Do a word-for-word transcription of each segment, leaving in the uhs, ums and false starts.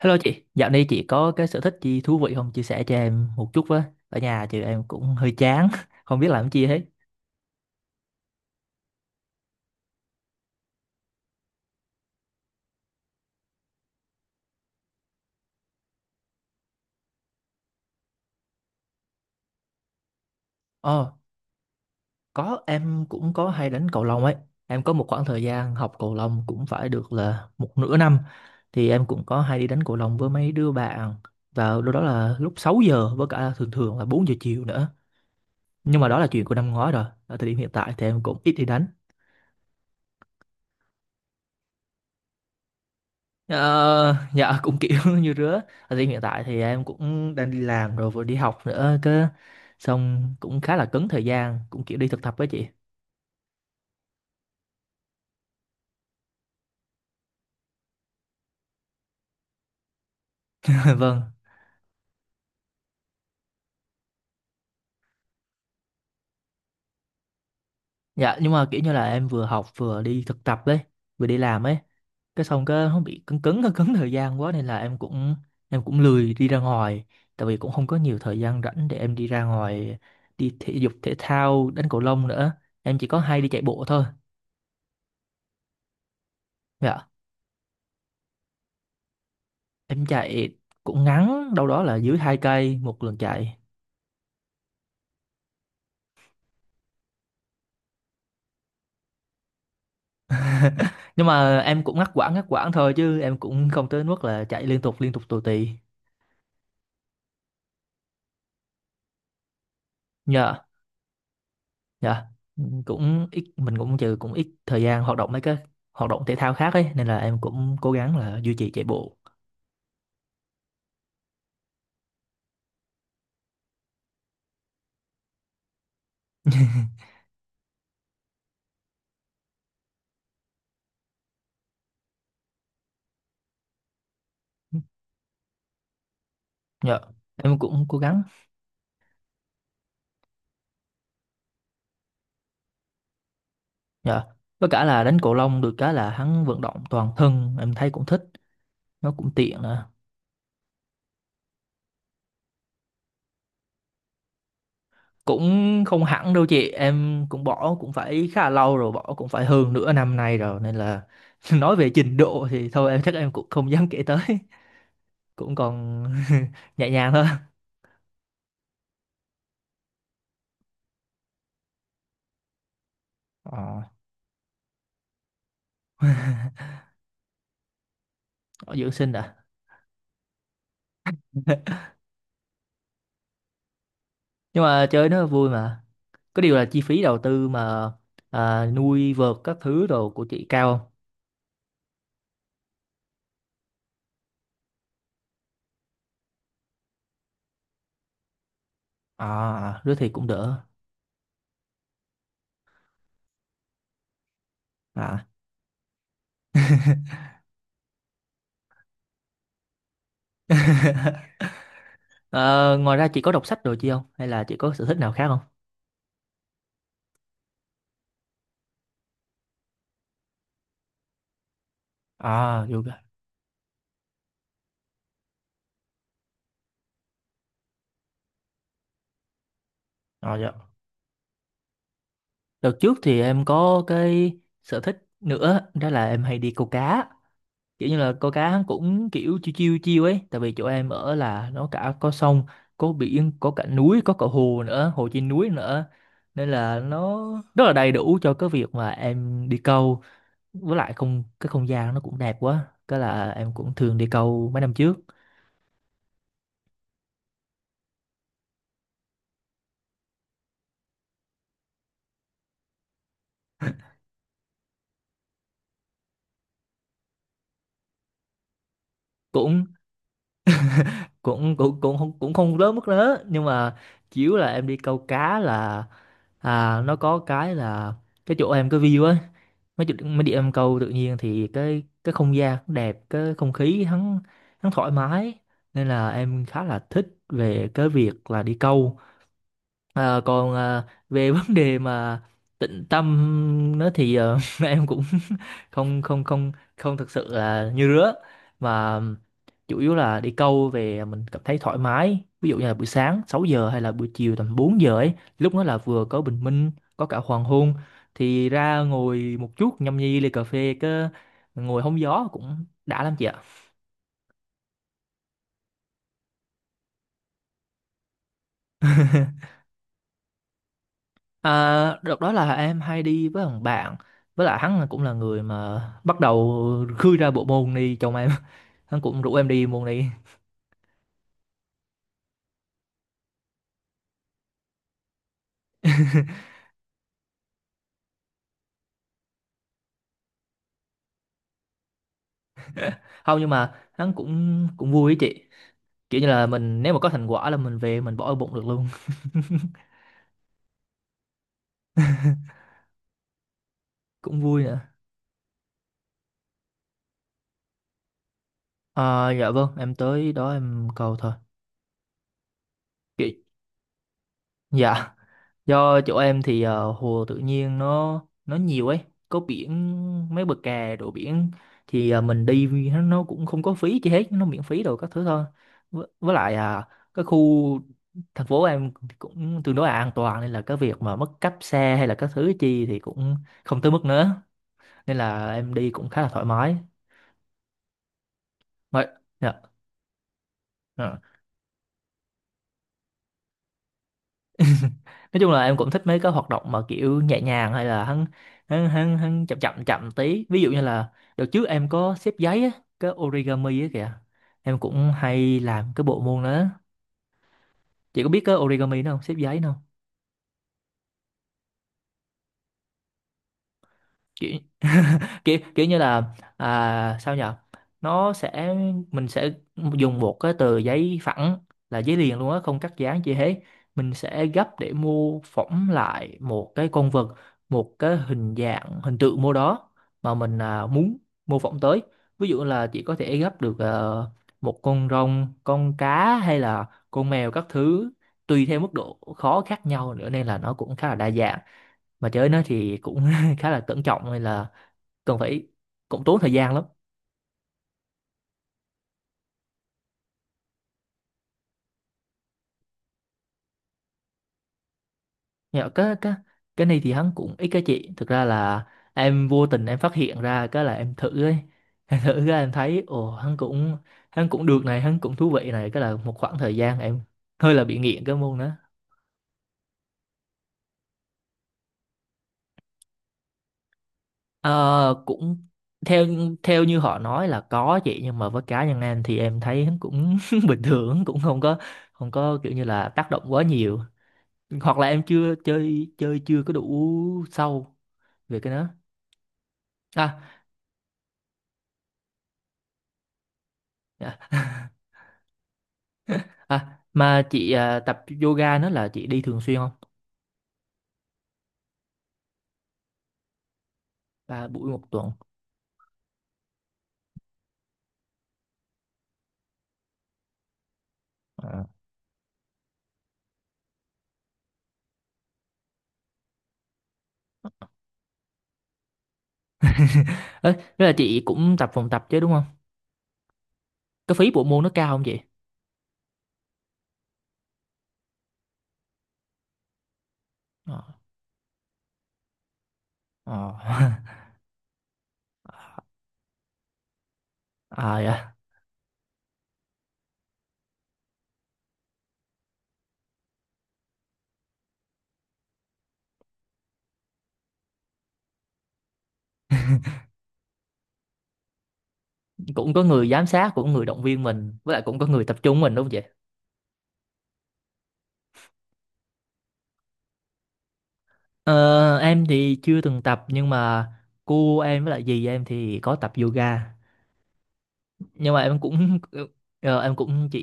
Hello chị, dạo này chị có cái sở thích gì thú vị không? Chia sẻ cho em một chút với. Ở nhà chị em cũng hơi chán, không biết làm gì hết. Ờ, có em cũng có hay đánh cầu lông ấy. Em có một khoảng thời gian học cầu lông cũng phải được là một nửa năm. Thì em cũng có hay đi đánh cầu lông với mấy đứa bạn. Vào lúc đó là lúc sáu giờ với cả thường thường là bốn giờ chiều nữa. Nhưng mà đó là chuyện của năm ngoái rồi. Ở thời điểm hiện tại thì em cũng ít đi đánh. Ờ, dạ cũng kiểu như rứa. Ở hiện tại thì em cũng đang đi làm rồi vừa đi học nữa cơ, xong cũng khá là cứng thời gian, cũng kiểu đi thực tập với chị. Vâng. Dạ nhưng mà kiểu như là em vừa học vừa đi thực tập đấy, vừa đi làm ấy. Cái xong cái nó bị cứng cứng, cứng cứng thời gian quá nên là em cũng em cũng lười đi ra ngoài, tại vì cũng không có nhiều thời gian rảnh để em đi ra ngoài đi thể dục thể thao đánh cầu lông nữa. Em chỉ có hay đi chạy bộ thôi. Dạ, em chạy cũng ngắn, đâu đó là dưới hai cây một lần chạy. Nhưng mà em cũng ngắt quãng ngắt quãng thôi chứ em cũng không tới mức là chạy liên tục liên tục tù tì. Nhờ, nhờ cũng ít, mình cũng trừ cũng ít thời gian hoạt động mấy cái hoạt động thể thao khác ấy nên là em cũng cố gắng là duy trì chạy bộ. Dạ, em cũng cố gắng. Dạ. Với cả là đánh cầu lông được cái là hắn vận động toàn thân, em thấy cũng thích, nó cũng tiện nè. Cũng không hẳn đâu chị, em cũng bỏ cũng phải khá là lâu rồi, bỏ cũng phải hơn nửa năm nay rồi nên là nói về trình độ thì thôi em chắc em cũng không dám kể tới, cũng còn nhẹ nhàng thôi. ờ, Ở dưỡng sinh à? Nhưng mà chơi nó vui mà, có điều là chi phí đầu tư mà, à, nuôi vợt các thứ đồ của chị cao không? À đứa thì cũng đỡ. À. Ờ, ngoài ra chị có đọc sách rồi chị không hay là chị có sở thích nào khác không? À yoga. À, dạ. Đợt trước thì em có cái sở thích nữa đó là em hay đi câu cá, kiểu như là câu cá cũng kiểu chiêu chiêu chiêu ấy, tại vì chỗ em ở là nó cả có sông, có biển, có cả núi, có cả hồ nữa, hồ trên núi nữa, nên là nó rất là đầy đủ cho cái việc mà em đi câu. Với lại không, cái không gian nó cũng đẹp quá cái là em cũng thường đi câu mấy năm trước. Cũng cũng cũng cũng không cũng không lớn mức lớn nhưng mà chủ yếu là em đi câu cá là, à nó có cái là cái chỗ em cái view á, mấy chỗ- mấy đi em câu tự nhiên thì cái cái không gian cũng đẹp, cái không khí hắn hắn thoải mái nên là em khá là thích về cái việc là đi câu. Ờ, còn ờ, về vấn đề mà tịnh tâm nó thì ờ, em cũng không không không không thực sự là như rứa, mà chủ yếu là đi câu về mình cảm thấy thoải mái, ví dụ như là buổi sáng sáu giờ hay là buổi chiều tầm bốn giờ ấy, lúc đó là vừa có bình minh, có cả hoàng hôn, thì ra ngồi một chút nhâm nhi ly cà phê, cứ ngồi hóng gió cũng đã lắm chị ạ. À, đợt đó là em hay đi với thằng bạn, với lại hắn cũng là người mà bắt đầu khơi ra bộ môn đi chồng em, hắn cũng rủ em đi môn đi. Không nhưng mà hắn cũng cũng vui với chị, kiểu như là mình nếu mà có thành quả là mình về mình bỏ ở bụng được luôn. Cũng vui nữa. À, dạ vâng em tới đó em cầu thôi. Chị. Dạ. Do chỗ em thì ờ, hồ tự nhiên nó nó nhiều ấy, có biển, mấy bờ kè đồ biển, thì ờ, mình đi vì nó nó cũng không có phí chi hết, nó miễn phí đồ các thứ thôi. Với, với lại à cái khu thành phố em cũng tương đối là an toàn nên là cái việc mà mất cắp xe hay là các thứ chi thì cũng không tới mức nữa. Nên là em đi cũng khá là thoải mái. Mà, dạ. Dạ. Nói chung là em cũng thích mấy cái hoạt động mà kiểu nhẹ nhàng hay là hắn, hắn hắn hắn chậm chậm chậm tí, ví dụ như là đợt trước em có xếp giấy á, cái origami á kìa, em cũng hay làm cái bộ môn đó. Chị có biết cái origami đó không, xếp giấy đó không? Kiểu kiểu kiểu như là, à, sao nhở, nó sẽ, mình sẽ dùng một cái tờ giấy phẳng, là giấy liền luôn á không cắt dán gì hết, mình sẽ gấp để mô phỏng lại một cái con vật, một cái hình dạng hình tượng mô đó mà mình à, muốn mô phỏng tới, ví dụ là chỉ có thể gấp được ờ, một con rồng, con cá hay là con mèo các thứ, tùy theo mức độ khó khác nhau nữa nên là nó cũng khá là đa dạng, mà chơi nó thì cũng khá là cẩn trọng hay là cần phải, cũng tốn thời gian lắm. Nhưng cái cái cái này thì hắn cũng ít, cái chị thực ra là em vô tình em phát hiện ra cái là em thử ấy, em thử cái em thấy ồ hắn cũng, hắn cũng được này, hắn cũng thú vị này, cái là một khoảng thời gian em hơi là bị nghiện cái môn đó. Ờ, cũng theo theo như họ nói là có chị, nhưng mà với cá nhân em thì em thấy hắn cũng bình thường, cũng không có không có kiểu như là tác động quá nhiều, hoặc là em chưa chơi chơi chưa có đủ sâu về cái đó. À. À, mà chị à, tập yoga nó là chị đi thường xuyên không? Ba buổi một tuần. À. Ê, thế là chị cũng tập phòng tập chứ đúng không? Cái phí bộ môn nó cao không chị? Ờ. Ờ. À, dạ. Cũng có người giám sát, cũng có người động viên mình, với lại cũng có người tập trung mình đúng không chị? Ờ, em thì chưa từng tập nhưng mà cô em với lại dì em thì có tập yoga, nhưng mà em cũng ờ, em cũng chỉ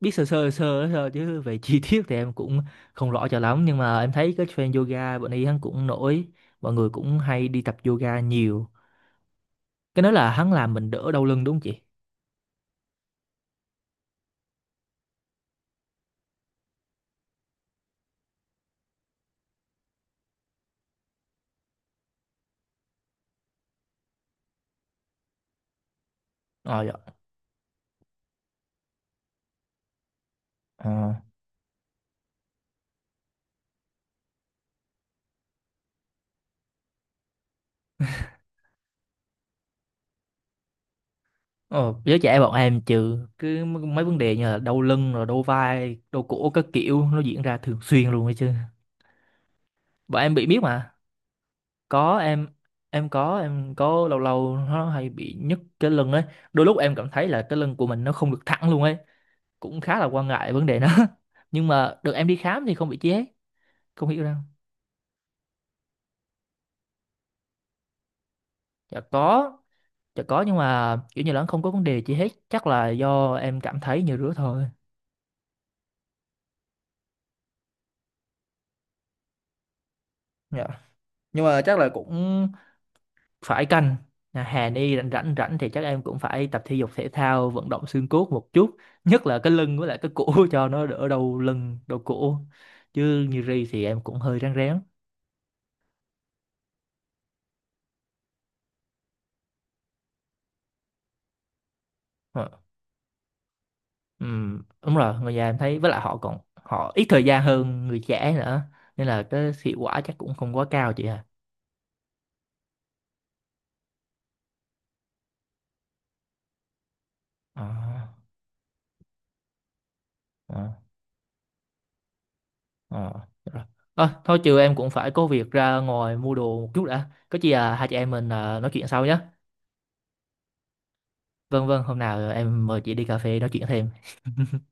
biết sơ sơ sơ thôi chứ về chi tiết thì em cũng không rõ cho lắm, nhưng mà em thấy cái trend yoga bọn ấy hắn cũng nổi, mọi người cũng hay đi tập yoga nhiều. Cái đó là hắn làm mình đỡ đau lưng đúng không chị? Ờ dạ. Ờ, ờ giới trẻ bọn em trừ cứ mấy vấn đề như là đau lưng rồi đau vai đau cổ các kiểu nó diễn ra thường xuyên luôn ấy chứ. Bọn em bị biết mà. Có em, em có em có lâu lâu nó hay bị nhức cái lưng ấy, đôi lúc em cảm thấy là cái lưng của mình nó không được thẳng luôn ấy, cũng khá là quan ngại vấn đề đó. Nhưng mà được em đi khám thì không bị chi hết, không hiểu đâu. Dạ có. Dạ có nhưng mà kiểu như là nó không có vấn đề chi hết, chắc là do em cảm thấy như rứa thôi. Dạ nhưng mà chắc là cũng phải canh. À, Hà Ni rảnh rảnh rảnh thì chắc em cũng phải tập thể dục thể thao vận động xương cốt một chút, nhất là cái lưng với lại cái cổ, cho nó đỡ đau lưng đau cổ chứ như Ri thì em cũng hơi ráng rén. Ờ, ừm, đúng rồi, người già em thấy với lại họ còn họ ít thời gian hơn người trẻ nữa nên là cái hiệu quả chắc cũng không quá cao chị à. Ờ, ờ, ờ, được rồi. Ờ, thôi chiều em cũng phải có việc ra ngoài mua đồ một chút đã, có chi à hai chị em mình à, nói chuyện sau nhé. Vâng vâng, hôm nào em mời chị đi cà phê nói chuyện thêm.